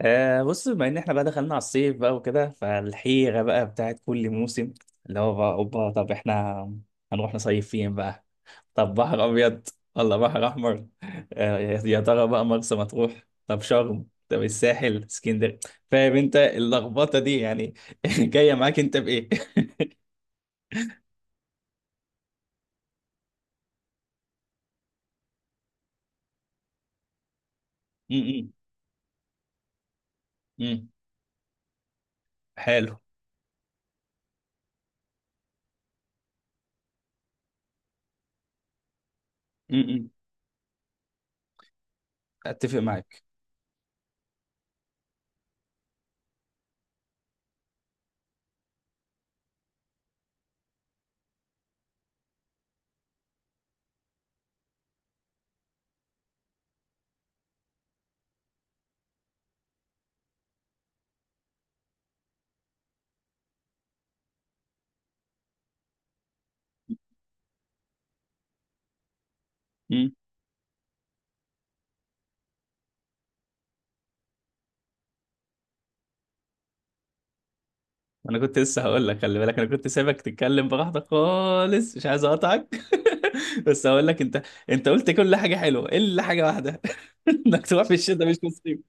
آه، بص، بما ان احنا بقى دخلنا على الصيف بقى وكده، فالحيرة بقى بتاعت كل موسم اللي هو بقى اوبا، طب احنا هنروح نصيف فين بقى؟ طب بحر ابيض ولا بحر احمر؟ آه، يا ترى بقى مرسى مطروح، طب شرم، طب الساحل، اسكندريه. فاهم انت اللخبطة دي يعني؟ جاية معاك انت بايه؟ م- م- م. حلو. م- م. اتفق معاك. انا كنت لسه هقول لك، خلي بالك انا كنت سايبك تتكلم براحتك خالص، مش عايز اقطعك. بس هقول لك انت، انت قلت كل حاجه حلوه الا حاجه واحده، انك تروح في الشتاء مش نصيب.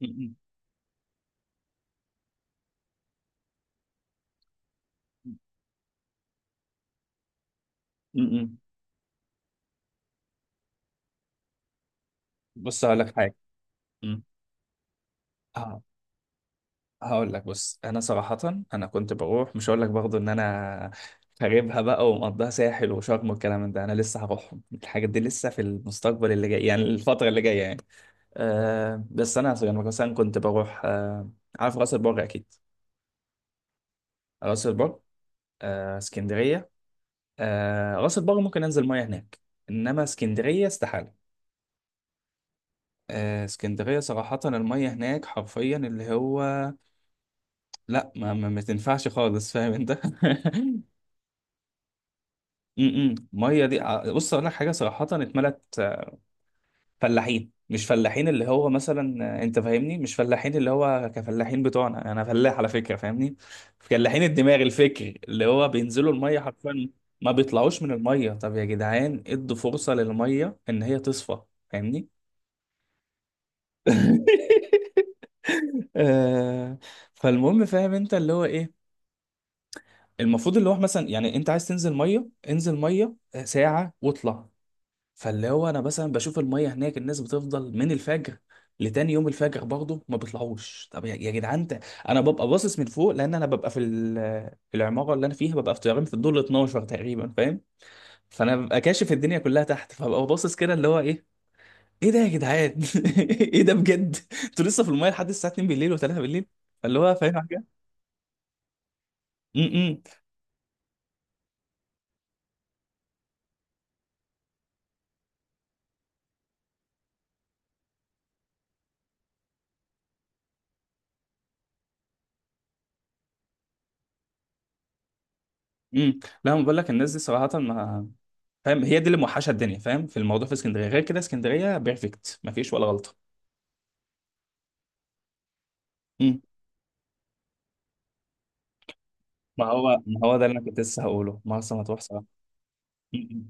م- م- م. بص هقول لك حاجه. م. اه، هقول لك، بص انا صراحه، انا كنت بروح، مش هقول لك برضه ان انا خاربها بقى ومقضيها ساحل وشرم والكلام من ده، انا لسه هروحهم الحاجات دي، لسه في المستقبل اللي جاي يعني، الفتره اللي جايه يعني. آه، بس انا مثلا كنت بروح. عارف راس البر اكيد؟ راس البر. آه، اسكندريه. آه، راس البر ممكن انزل ميه هناك، انما اسكندريه استحاله. آه، اسكندريه صراحه الميه هناك حرفيا اللي هو، لا ما تنفعش خالص، فاهم انت؟ م- م. الميه دي بص اقول لك حاجه صراحه، اتملت فلاحين. مش فلاحين اللي هو مثلا، انت فاهمني، مش فلاحين اللي هو كفلاحين بتوعنا، انا فلاح على فكره فاهمني، فلاحين الدماغ، الفكر اللي هو بينزلوا الميه حرفيا ما بيطلعوش من الميه. طب يا جدعان ادوا فرصه للميه ان هي تصفى، فاهمني؟ آه، فالمهم، فاهم انت اللي هو ايه، المفروض اللي هو مثلا يعني انت عايز تنزل ميه، انزل ميه ساعه واطلع. فاللي هو انا مثلا بشوف الميه هناك الناس بتفضل من الفجر لتاني يوم الفجر برضه ما بيطلعوش. طب يا جدعان، انا ببقى باصص من فوق، لان انا ببقى في العماره اللي انا فيها ببقى في طيارين، في الدور ال 12 تقريبا، فاهم؟ فانا ببقى كاشف الدنيا كلها تحت، فببقى باصص كده اللي هو ايه، ايه ده يا جدعان، ايه ده بجد؟ انتوا لسه في الميه لحد الساعه 2 بالليل و3 بالليل، اللي هو فاهم حاجه؟ امم. لا ما بقول لك الناس دي صراحه ما، فاهم هي دي اللي موحشه الدنيا، فاهم في الموضوع؟ في اسكندريه غير كده اسكندريه بيرفكت، ما فيش ولا غلطه. ما هو، ما هو ده اللي انا كنت لسه هقوله، مرسى مطروح صراحه. م-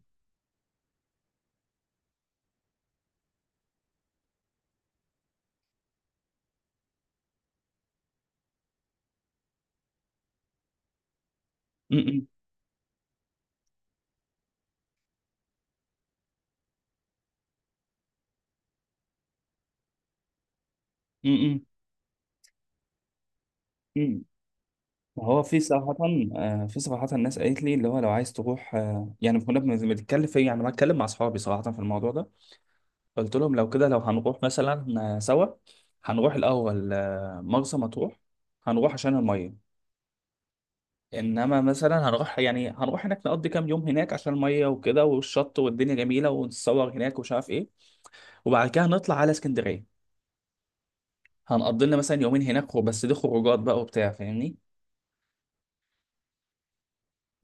م- م- م- م. م. ما هو في صراحة، آه، في صراحة الناس قالت لي اللي هو لو عايز تروح، آه، يعني كنا بنتكلم في، يعني بتكلم مع أصحابي صراحة في الموضوع ده. قلت لهم لو كده، لو هنروح مثلا، آه، سوا، هنروح الأول آه، مرسى مطروح، هنروح عشان المية. إنما مثلا هنروح، يعني هنروح هناك نقضي كام يوم هناك عشان المية وكده، والشط والدنيا جميلة ونتصور هناك ومش عارف إيه، وبعد كده نطلع على اسكندرية، هنقضي لنا مثلا يومين هناك، بس دي خروجات بقى وبتاع، فاهمني؟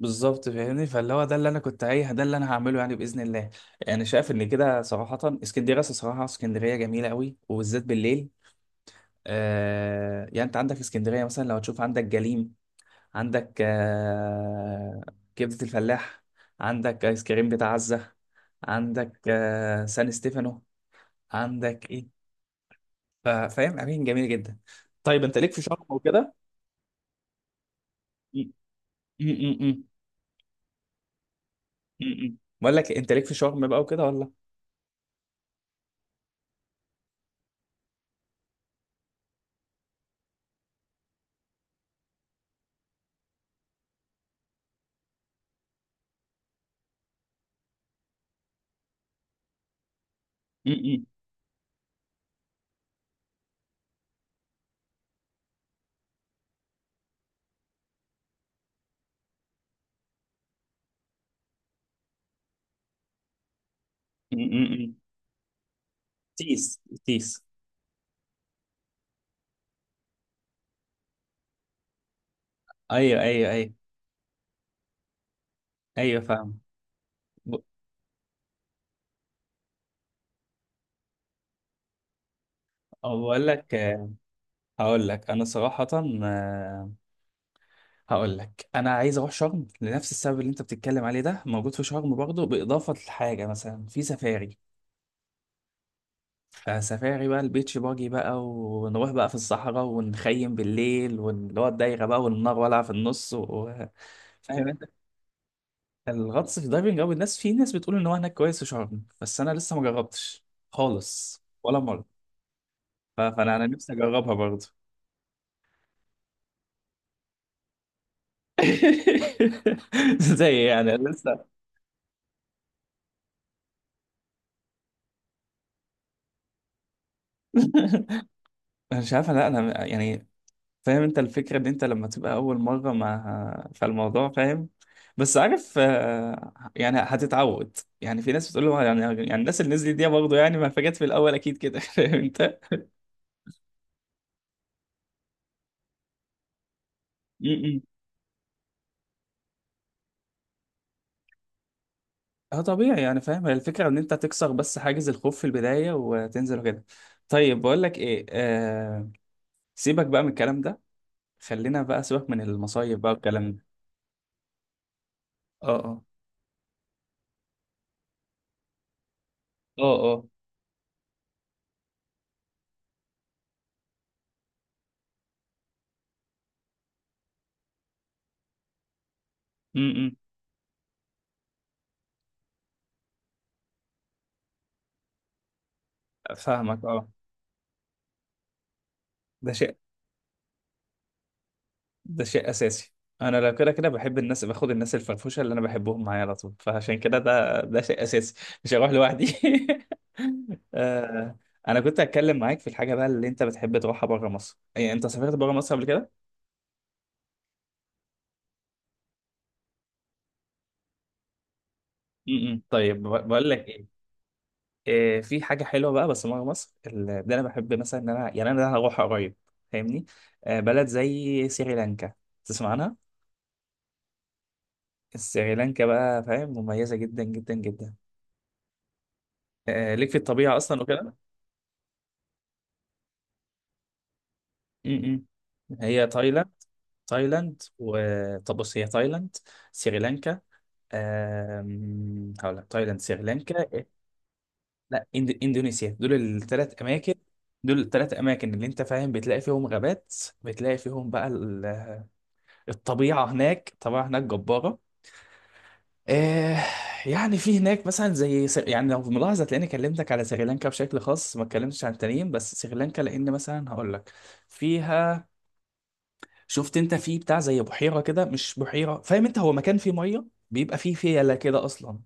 بالظبط فاهمني، فاللي هو ده اللي انا كنت عايز، ده اللي انا هعمله يعني باذن الله. انا شايف ان كده صراحه اسكندريه، أصل صراحه اسكندريه جميله قوي وبالذات بالليل. آه يعني انت عندك اسكندريه مثلا لو تشوف، عندك جليم، عندك آه كبده الفلاح، عندك ايس كريم بتاع عزه، عندك آه سان ستيفانو، عندك ايه، فاهم اماكن جميله جدا. طيب انت ليك في شرم وكده؟ م- م- م- م. بقول لك انت ليك في شرم بقى وكده ولا؟ م- م- م- م- م. تيس تيس. ايوه ايوه ايوه. ايوه فاهم. ب- أو بقول لك آه، هقول لك انا صراحة، آه، هقول لك انا عايز اروح شرم لنفس السبب اللي انت بتتكلم عليه، ده موجود في شرم برضه، باضافة لحاجة مثلا في سفاري. فسفاري بقى، البيتش باجي بقى، ونروح بقى في الصحراء ونخيم بالليل، واللي هو الدايرة بقى والنار والعة في النص و... فاهم؟ الغطس في الدايفنج، او الناس في، ناس بتقول ان هو هناك كويس في شرم، بس انا لسه ما جربتش خالص ولا مره. فانا انا نفسي اجربها برضه. زي يعني لسه. انا مش عارف، لا انا يعني، فاهم انت الفكره ان انت لما تبقى اول مره مع فالموضوع فاهم، بس عارف آه، يعني هتتعود، يعني في ناس بتقول له يعني، يعني الناس اللي نزلت دي برضه يعني ما فاجأت في الاول اكيد كده، فاهم انت؟ اه طبيعي يعني، فاهم هي الفكرة ان انت تكسر بس حاجز الخوف في البداية وتنزل وكده. طيب بقول لك ايه، آه، سيبك بقى من الكلام ده، خلينا بقى، سيبك من المصايب بقى والكلام ده. اه اه. اه اه. امم. فاهمك اه. ده شيء، ده شيء اساسي. انا لو كده كده بحب الناس، باخد الناس الفرفوشة اللي انا بحبهم معايا على طول، فعشان كده ده شيء اساسي، مش هروح لوحدي. آه. انا كنت هتكلم معاك في الحاجة بقى اللي انت بتحب تروحها بره مصر، يعني انت سافرت بره مصر قبل كده؟ م- م. طيب، بقول لك ايه، إيه، في حاجه حلوه بقى بس بره مصر اللي انا بحب، مثلا ان انا يعني انا هروح قريب فاهمني، آه، بلد زي سريلانكا، تسمع عنها؟ سريلانكا بقى فاهم، مميزه جدا جدا جدا، آه، ليك في الطبيعه اصلا وكده. م- م. هي تايلاند، تايلاند و، طب بص هي تايلاند، سريلانكا، آم، هقول لك تايلاند، سريلانكا، لا، اندونيسيا، دول الثلاث اماكن، دول الثلاث اماكن اللي انت فاهم بتلاقي فيهم غابات، بتلاقي فيهم بقى الطبيعه هناك، الطبيعه هناك جباره. آه، يعني في هناك مثلا زي يعني لو ملاحظه تلاقيني كلمتك على سريلانكا بشكل خاص، ما اتكلمتش عن التانيين بس سريلانكا، لان مثلا هقول لك فيها، شفت انت في بتاع زي بحيره كده، مش بحيره، فاهم انت، هو مكان فيه ميه، بيبقى فيه فيله كده اصلا،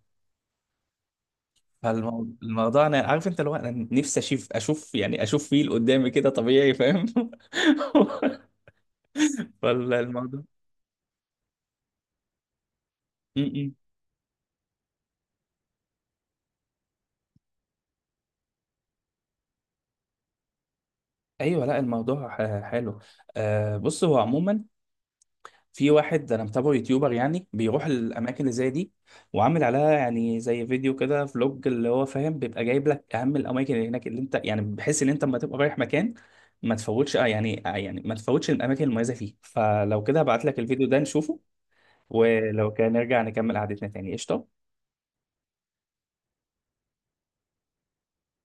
فالموضوع انا عارف انت، لو انا نفسي اشوف، اشوف يعني اشوف فيل قدامي كده طبيعي فاهم. فالموضوع، م- م. ايوه لا الموضوع حلو. آه بص هو عموما، في واحد انا متابعه، يوتيوبر يعني، بيروح الاماكن اللي زي دي، وعامل عليها يعني زي فيديو كده، فلوج، اللي هو فاهم بيبقى جايب لك اهم الاماكن اللي هناك، اللي انت يعني بحيث ان انت لما تبقى رايح مكان ما تفوتش آه يعني، آه يعني ما تفوتش الاماكن المميزه فيه، فلو كده هبعت لك الفيديو ده نشوفه، ولو كان نرجع نكمل قعدتنا تاني قشطة.